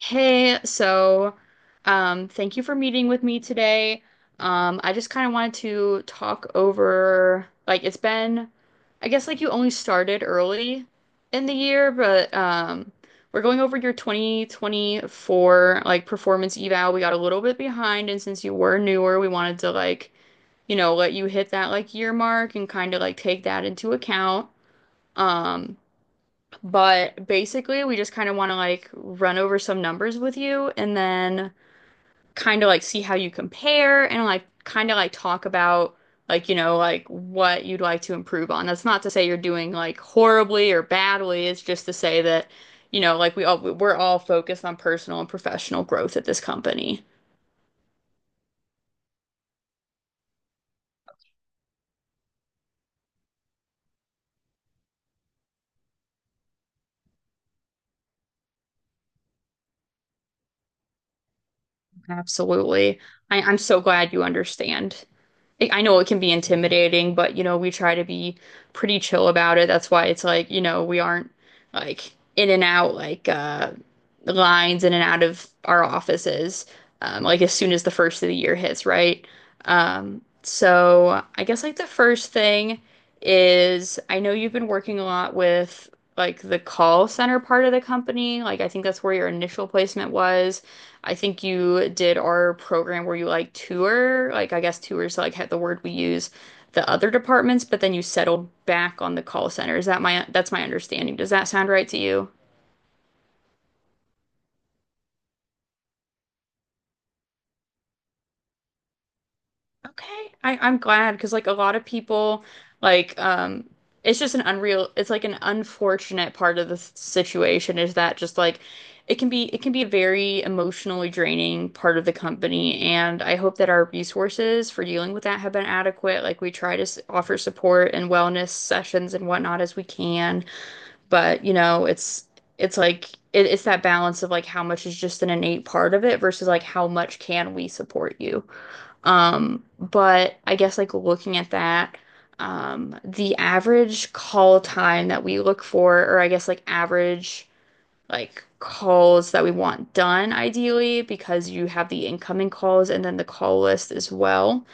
Hey, so thank you for meeting with me today. I just kind of wanted to talk over, like, it's been, I guess, like you only started early in the year, but we're going over your 2024, like, performance eval. We got a little bit behind, and since you were newer, we wanted to, like, you know, let you hit that, like, year mark and kind of, like, take that into account. Um, but basically, we just kind of want to like run over some numbers with you and then kind of like see how you compare and like kind of like talk about like, you know, like what you'd like to improve on. That's not to say you're doing like horribly or badly. It's just to say that, you know, like we're all focused on personal and professional growth at this company. Absolutely. I'm so glad you understand. I know it can be intimidating, but you know, we try to be pretty chill about it. That's why it's like, you know, we aren't like in and out like lines in and out of our offices like as soon as the first of the year hits, right? So I guess like the first thing is I know you've been working a lot with like the call center part of the company. Like I think that's where your initial placement was. I think you did our program where you like tour, like I guess tours like had the word we use the other departments, but then you settled back on the call center. Is that my that's my understanding. Does that sound right to you? Okay. I'm glad because like a lot of people like it's like an unfortunate part of the situation is that just like it can be a very emotionally draining part of the company, and I hope that our resources for dealing with that have been adequate. Like we try to offer support and wellness sessions and whatnot as we can, but you know, it's like it's that balance of like how much is just an innate part of it versus like how much can we support you. But I guess like looking at that, the average call time that we look for, or I guess like average like calls that we want done ideally because you have the incoming calls and then the call list as well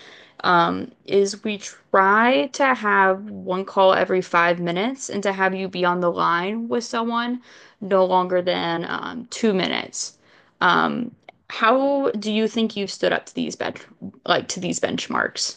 is we try to have one call every 5 minutes and to have you be on the line with someone no longer than 2 minutes. Um, how do you think you've stood up to these bench like to these benchmarks?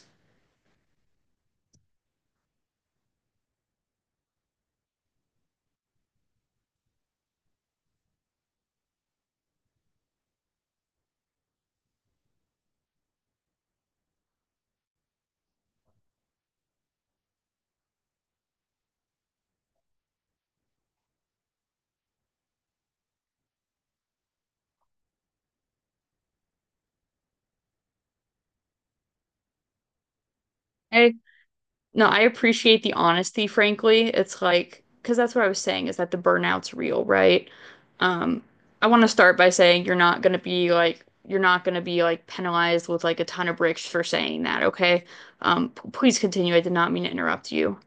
No, I appreciate the honesty, frankly. It's like, because that's what I was saying is that the burnout's real, right? Um, I want to start by saying you're not going to be like penalized with like a ton of bricks for saying that, okay? Please continue. I did not mean to interrupt you.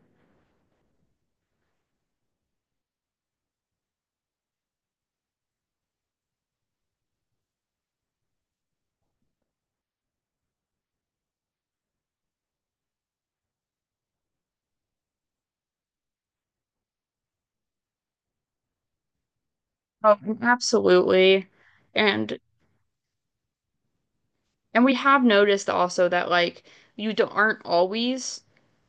Oh, absolutely. And we have noticed also that like you don't aren't always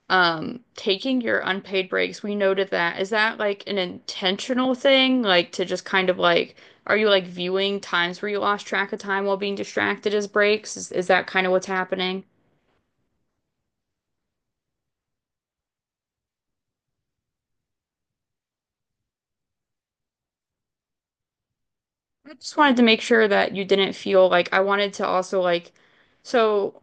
taking your unpaid breaks. We noted that. Is that like an intentional thing, like to just kind of like, are you like viewing times where you lost track of time while being distracted as breaks? Is that kind of what's happening? I just wanted to make sure that you didn't feel like I wanted to also like, so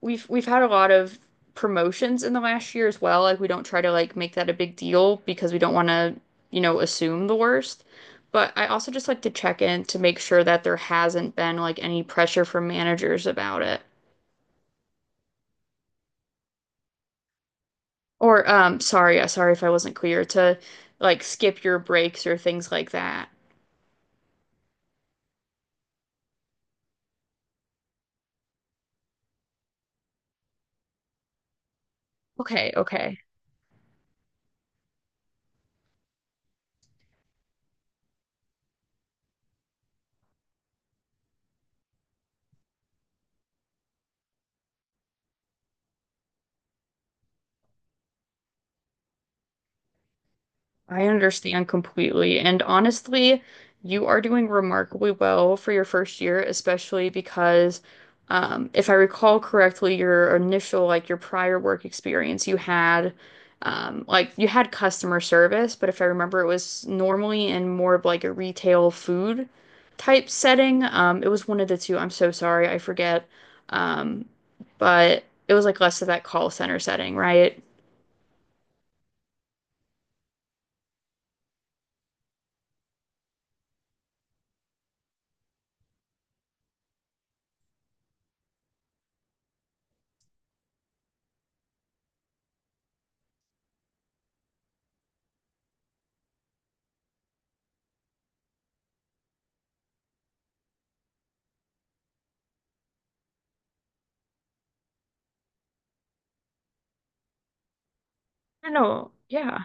we've had a lot of promotions in the last year as well. Like we don't try to like make that a big deal because we don't want to, you know, assume the worst. But I also just like to check in to make sure that there hasn't been like any pressure from managers about it. Or sorry, sorry if I wasn't clear to like skip your breaks or things like that. Okay, okay. I understand completely. And honestly, you are doing remarkably well for your first year, especially because if I recall correctly, your initial, like your prior work experience, you had like you had customer service, but if I remember, it was normally in more of like a retail food type setting. It was one of the two. I'm so sorry, I forget. Um, but it was like less of that call center setting, right? I know. Yeah.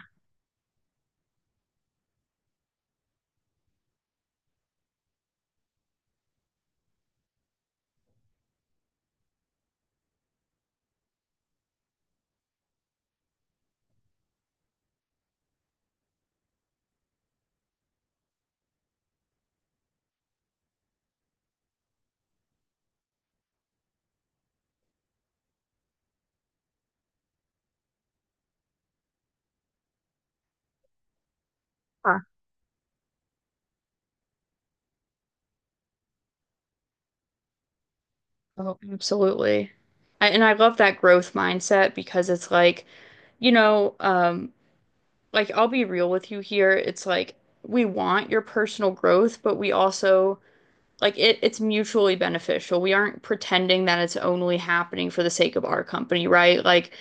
Oh, absolutely. And I love that growth mindset because it's like, you know, like I'll be real with you here. It's like we want your personal growth, but we also like it's mutually beneficial. We aren't pretending that it's only happening for the sake of our company, right? Like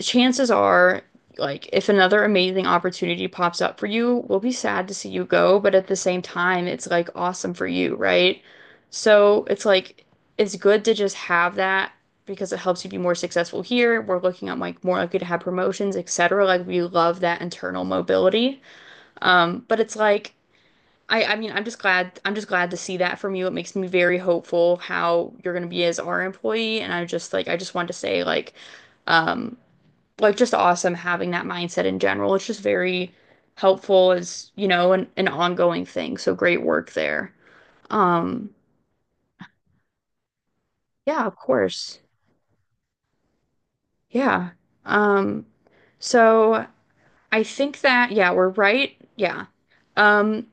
chances are, like, if another amazing opportunity pops up for you, we'll be sad to see you go, but at the same time, it's like awesome for you, right? So it's like it's good to just have that because it helps you be more successful here. We're looking at like more likely to have promotions, etc. Like we love that internal mobility. But it's like I mean, I'm just glad to see that from you. It makes me very hopeful how you're gonna be as our employee. And I just wanted to say um like just awesome having that mindset in general. It's just very helpful as, you know, an ongoing thing. So great work there. Um, yeah, of course. Yeah. Um, so I think that, yeah, we're right. Yeah. Um,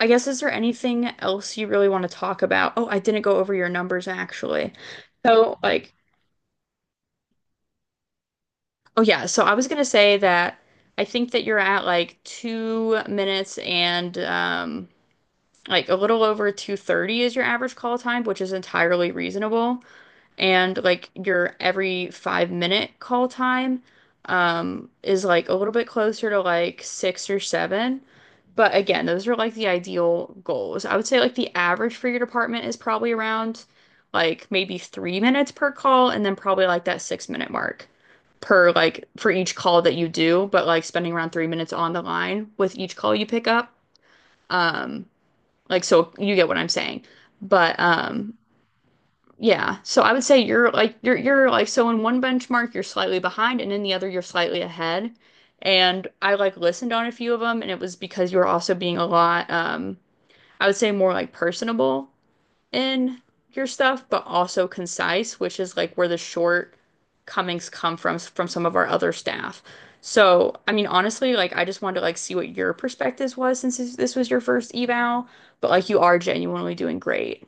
I guess is there anything else you really want to talk about? Oh, I didn't go over your numbers actually. So like, oh yeah, so I was gonna say that I think that you're at like 2 minutes and like a little over 230 is your average call time, which is entirely reasonable. And like your every 5 minute call time is like a little bit closer to like six or seven. But again, those are like the ideal goals. I would say like the average for your department is probably around like maybe 3 minutes per call, and then probably like that 6 minute mark per like for each call that you do, but like spending around 3 minutes on the line with each call you pick up. Um like so you get what I'm saying. But yeah, so I would say you're like, so in one benchmark you're slightly behind and in the other you're slightly ahead. And I like listened on a few of them, and it was because you were also being a lot I would say more like personable in your stuff, but also concise, which is like where the shortcomings come from some of our other staff. So, I mean, honestly, like I just wanted to like see what your perspective was since this was your first eval, but like you are genuinely doing great.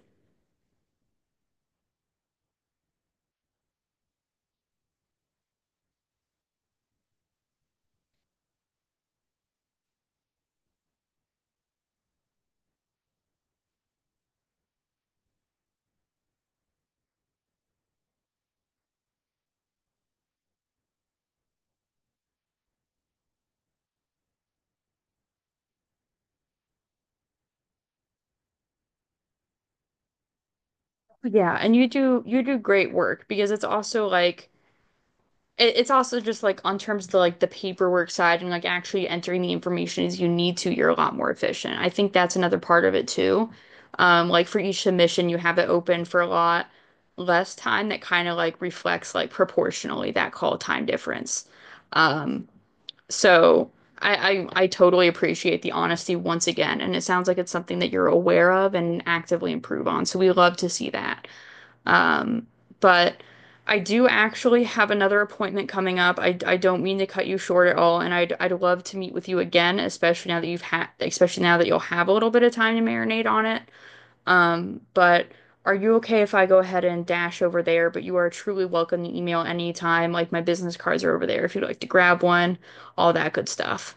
Yeah, and you do great work because it's also like it's also just like on terms of the, like the paperwork side and like actually entering the information as you need to, you're a lot more efficient. I think that's another part of it too. Like for each submission, you have it open for a lot less time that kind of like reflects like proportionally that call time difference. Um, so I totally appreciate the honesty once again, and it sounds like it's something that you're aware of and actively improve on. So we love to see that. Um, but I do actually have another appointment coming up. I don't mean to cut you short at all, and I'd love to meet with you again, especially now that especially now that you'll have a little bit of time to marinate on it. But are you okay if I go ahead and dash over there? But you are truly welcome to email anytime. Like my business cards are over there if you'd like to grab one, all that good stuff.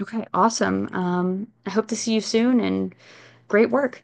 Okay, awesome. I hope to see you soon and great work.